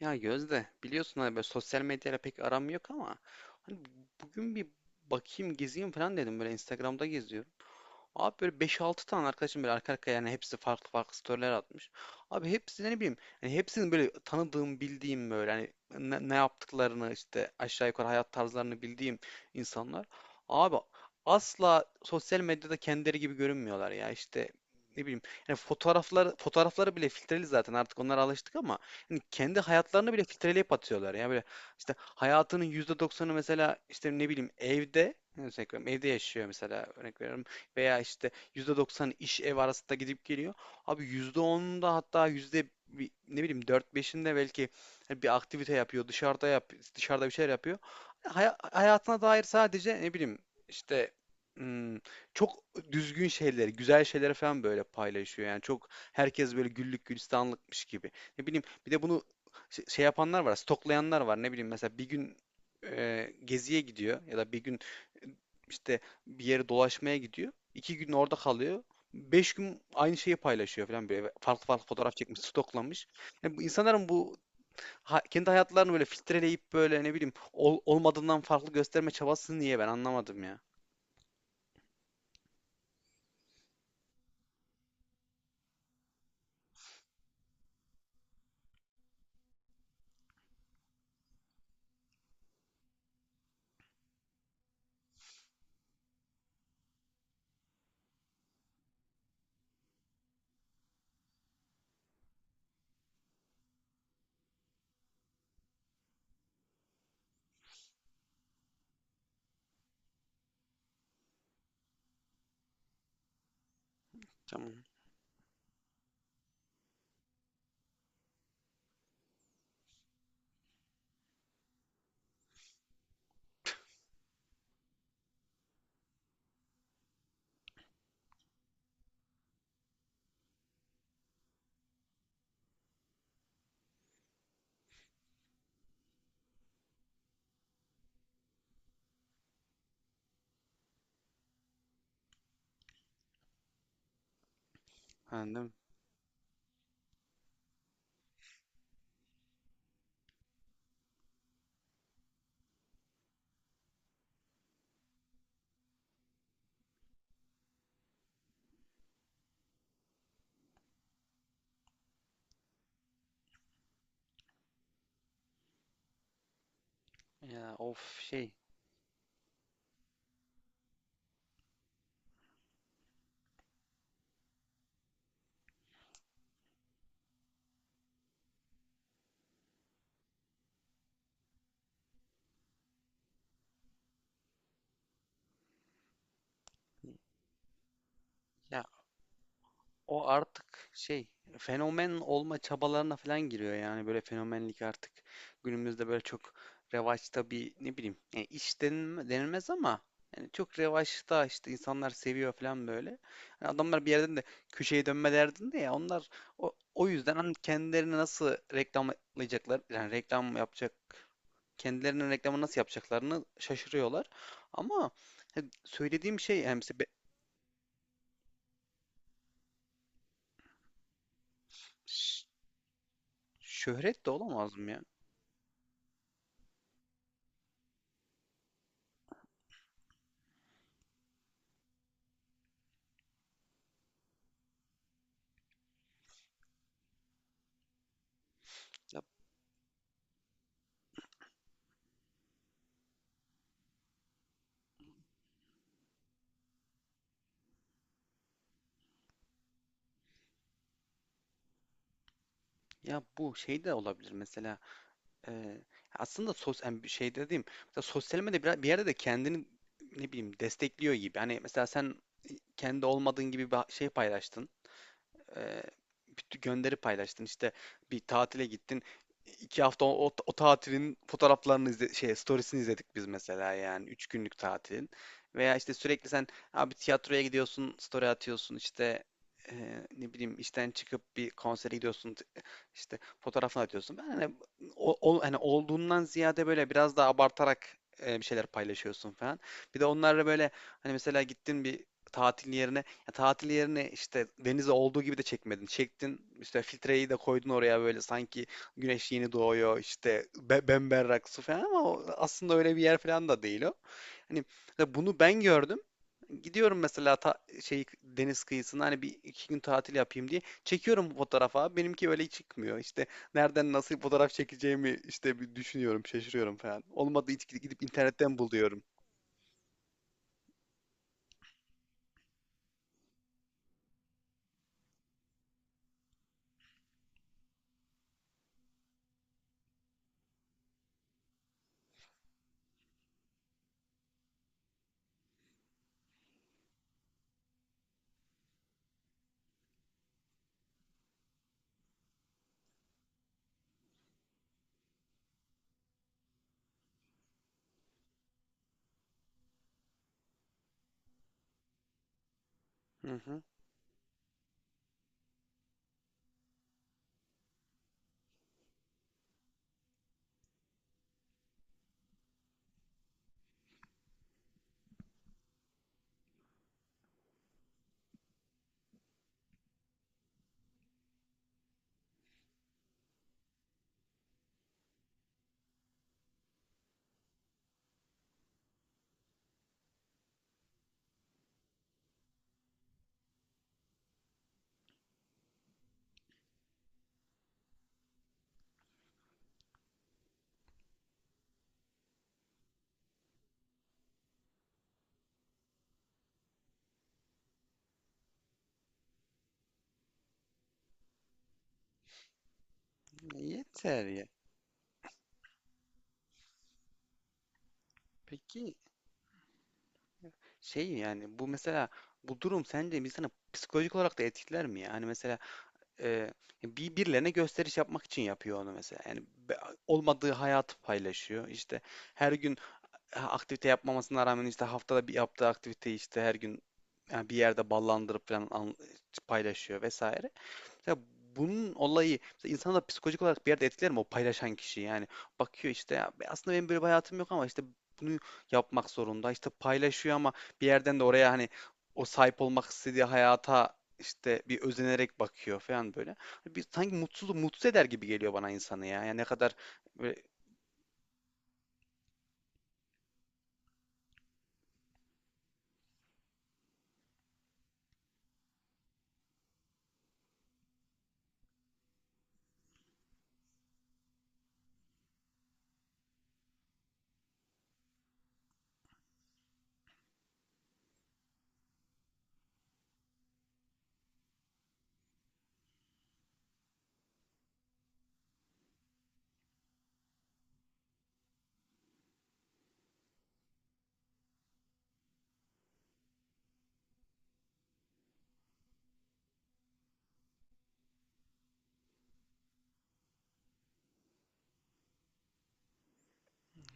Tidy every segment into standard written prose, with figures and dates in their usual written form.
Ya Gözde, biliyorsun hani böyle sosyal medyayla pek aram yok ama hani bugün bir bakayım gezeyim falan dedim, böyle Instagram'da geziyorum. Abi böyle beş altı tane arkadaşım böyle arka arkaya, yani hepsi farklı farklı storyler atmış. Abi hepsi, ne bileyim, hani hepsinin böyle tanıdığım bildiğim böyle hani ne yaptıklarını işte aşağı yukarı hayat tarzlarını bildiğim insanlar. Abi asla sosyal medyada kendileri gibi görünmüyorlar ya, işte ne bileyim, yani fotoğrafları bile filtreli, zaten artık onlara alıştık ama hani kendi hayatlarını bile filtreleyip atıyorlar ya böyle. İşte hayatının yüzde doksanı mesela, işte ne bileyim, evde yani. Örnek veriyorum, evde yaşıyor mesela, örnek veriyorum. Veya işte %90 iş ev arasında gidip geliyor. Abi %10'unda, hatta ne bileyim dört beşinde belki hani bir aktivite yapıyor, dışarıda bir şeyler yapıyor. Hayatına dair sadece, ne bileyim, işte hmm, çok düzgün şeyleri, güzel şeyleri falan böyle paylaşıyor. Yani çok, herkes böyle güllük gülistanlıkmış gibi. Ne bileyim, bir de bunu şey yapanlar var, stoklayanlar var. Ne bileyim, mesela bir gün geziye gidiyor ya da bir gün, e, işte, bir yere dolaşmaya gidiyor. İki gün orada kalıyor. Beş gün aynı şeyi paylaşıyor falan böyle. Farklı farklı fotoğraf çekmiş, stoklamış. Yani bu insanların bu kendi hayatlarını böyle filtreleyip, böyle ne bileyim, olmadığından farklı gösterme çabası niye, ben anlamadım ya. Tamam. Ha, değil mi? Ya of şey. Ya, o artık şey, fenomen olma çabalarına falan giriyor, yani böyle fenomenlik artık günümüzde böyle çok revaçta bir, ne bileyim, yani denilmez ama yani çok revaçta, işte insanlar seviyor falan böyle. Hani adamlar bir yerden de köşeye dönme derdinde ya onlar, o yüzden hani kendilerini nasıl reklamlayacaklar, yani reklam yapacak, kendilerinin reklamı nasıl yapacaklarını şaşırıyorlar. Ama hani söylediğim şey, yani mesela ş- şöhret de olamaz mı ya? Ya bu şey de olabilir mesela, e, aslında yani bir şey dediğim, mesela sosyal medya bir, yerde de kendini, ne bileyim, destekliyor gibi. Hani mesela sen kendi olmadığın gibi bir şey paylaştın, e, bir gönderi paylaştın. İşte bir tatile gittin. İki hafta o tatilin fotoğraflarını izle, şey, storiesini izledik biz mesela yani. Üç günlük tatilin. Veya işte sürekli sen, abi, tiyatroya gidiyorsun, story atıyorsun, işte e, ne bileyim işten çıkıp bir konsere gidiyorsun, işte fotoğrafını atıyorsun. Ben hani, hani olduğundan ziyade böyle biraz daha abartarak, bir şeyler paylaşıyorsun falan. Bir de onlarla böyle, hani mesela gittin bir tatil yerine, ya tatil yerine, işte denize olduğu gibi de çekmedin. Çektin, işte filtreyi de koydun oraya, böyle sanki güneş yeni doğuyor, işte be bemberrak su falan ama o aslında öyle bir yer falan da değil o. Hani mesela bunu ben gördüm. Gidiyorum mesela, şey, deniz kıyısına, hani bir iki gün tatil yapayım diye çekiyorum fotoğrafa. Benimki öyle çıkmıyor. İşte nereden nasıl fotoğraf çekeceğimi işte bir düşünüyorum, şaşırıyorum falan. Olmadı hiç, gidip internetten buluyorum. Hı hı. Yeter ya. Peki, şey, yani bu mesela, bu durum sence insanı psikolojik olarak da etkiler mi ya? Hani mesela e, birilerine gösteriş yapmak için yapıyor onu mesela. Yani olmadığı hayatı paylaşıyor. İşte her gün aktivite yapmamasına rağmen, işte haftada bir yaptığı aktiviteyi işte her gün, yani bir yerde ballandırıp falan paylaşıyor vesaire. Mesela bunun olayı, mesela insanı da psikolojik olarak bir yerde etkiler mi o paylaşan kişi? Yani bakıyor işte, ya aslında benim böyle bir hayatım yok ama işte bunu yapmak zorunda, işte paylaşıyor ama bir yerden de oraya hani o sahip olmak istediği hayata işte bir özenerek bakıyor falan böyle. Hani bir sanki mutsuz mutsuz eder gibi geliyor bana insanı ya. Yani ne kadar böyle,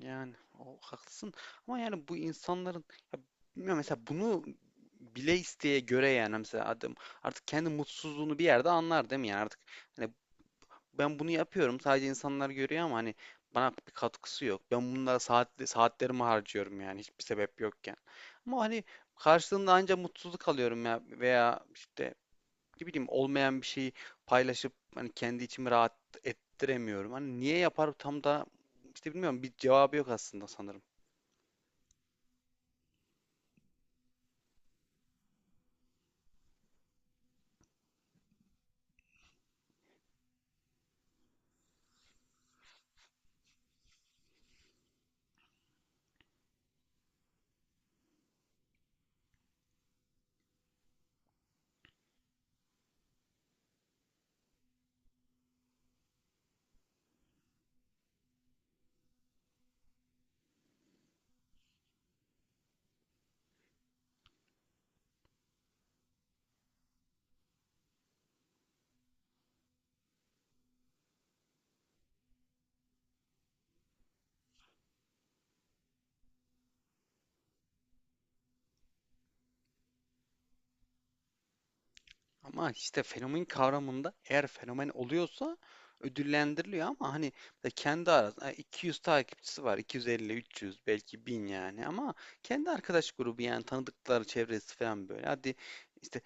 yani o haklısın ama yani bu insanların, ya bilmiyorum, mesela bunu bile isteye göre, yani mesela adam artık kendi mutsuzluğunu bir yerde anlar değil mi? Yani artık hani ben bunu yapıyorum, sadece insanlar görüyor ama hani bana bir katkısı yok. Ben bunlara saatlerimi harcıyorum yani hiçbir sebep yokken. Ama hani karşılığında ancak mutsuzluk alıyorum ya, veya işte, ne bileyim, olmayan bir şeyi paylaşıp hani kendi içimi rahat ettiremiyorum. Hani niye yapar tam da, işte bilmiyorum, bir cevabı yok aslında sanırım. Ama işte fenomen kavramında, eğer fenomen oluyorsa ödüllendiriliyor ama hani mesela kendi arasında 200 takipçisi var. 250, 300, belki 1000 yani, ama kendi arkadaş grubu yani, tanıdıkları çevresi falan böyle. Hadi işte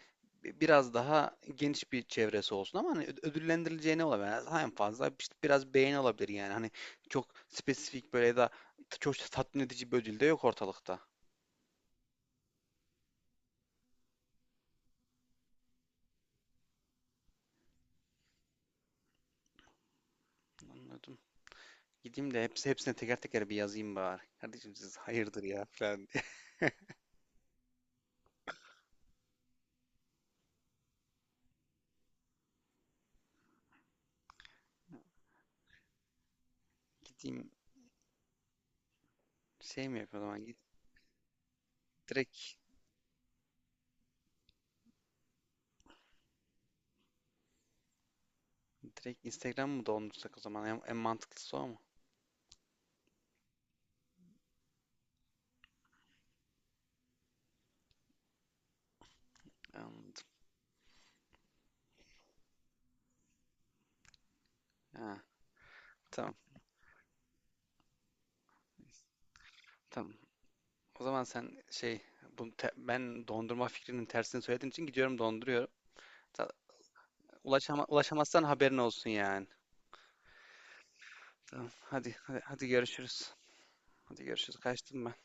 biraz daha geniş bir çevresi olsun ama hani ödüllendirileceği ne olabilir? Yani en fazla işte biraz beğeni olabilir yani. Hani çok spesifik böyle, ya da çok tatmin edici bir ödül de yok ortalıkta. Anladım. Gideyim de hepsine teker teker bir yazayım bari. Kardeşim, siz hayırdır ya, falan diye. Gideyim, şey mi yapayım o zaman? Git, direkt, direkt Instagram mı doldursak o zaman? En mantıklısı o mu? Anladım. Ha, tamam tamam. O zaman sen şey, ben dondurma fikrinin tersini söylediğin için gidiyorum donduruyorum. Ta- ulaşamazsan haberin olsun yani. Tamam, hadi hadi, hadi görüşürüz. Hadi görüşürüz. Kaçtım ben.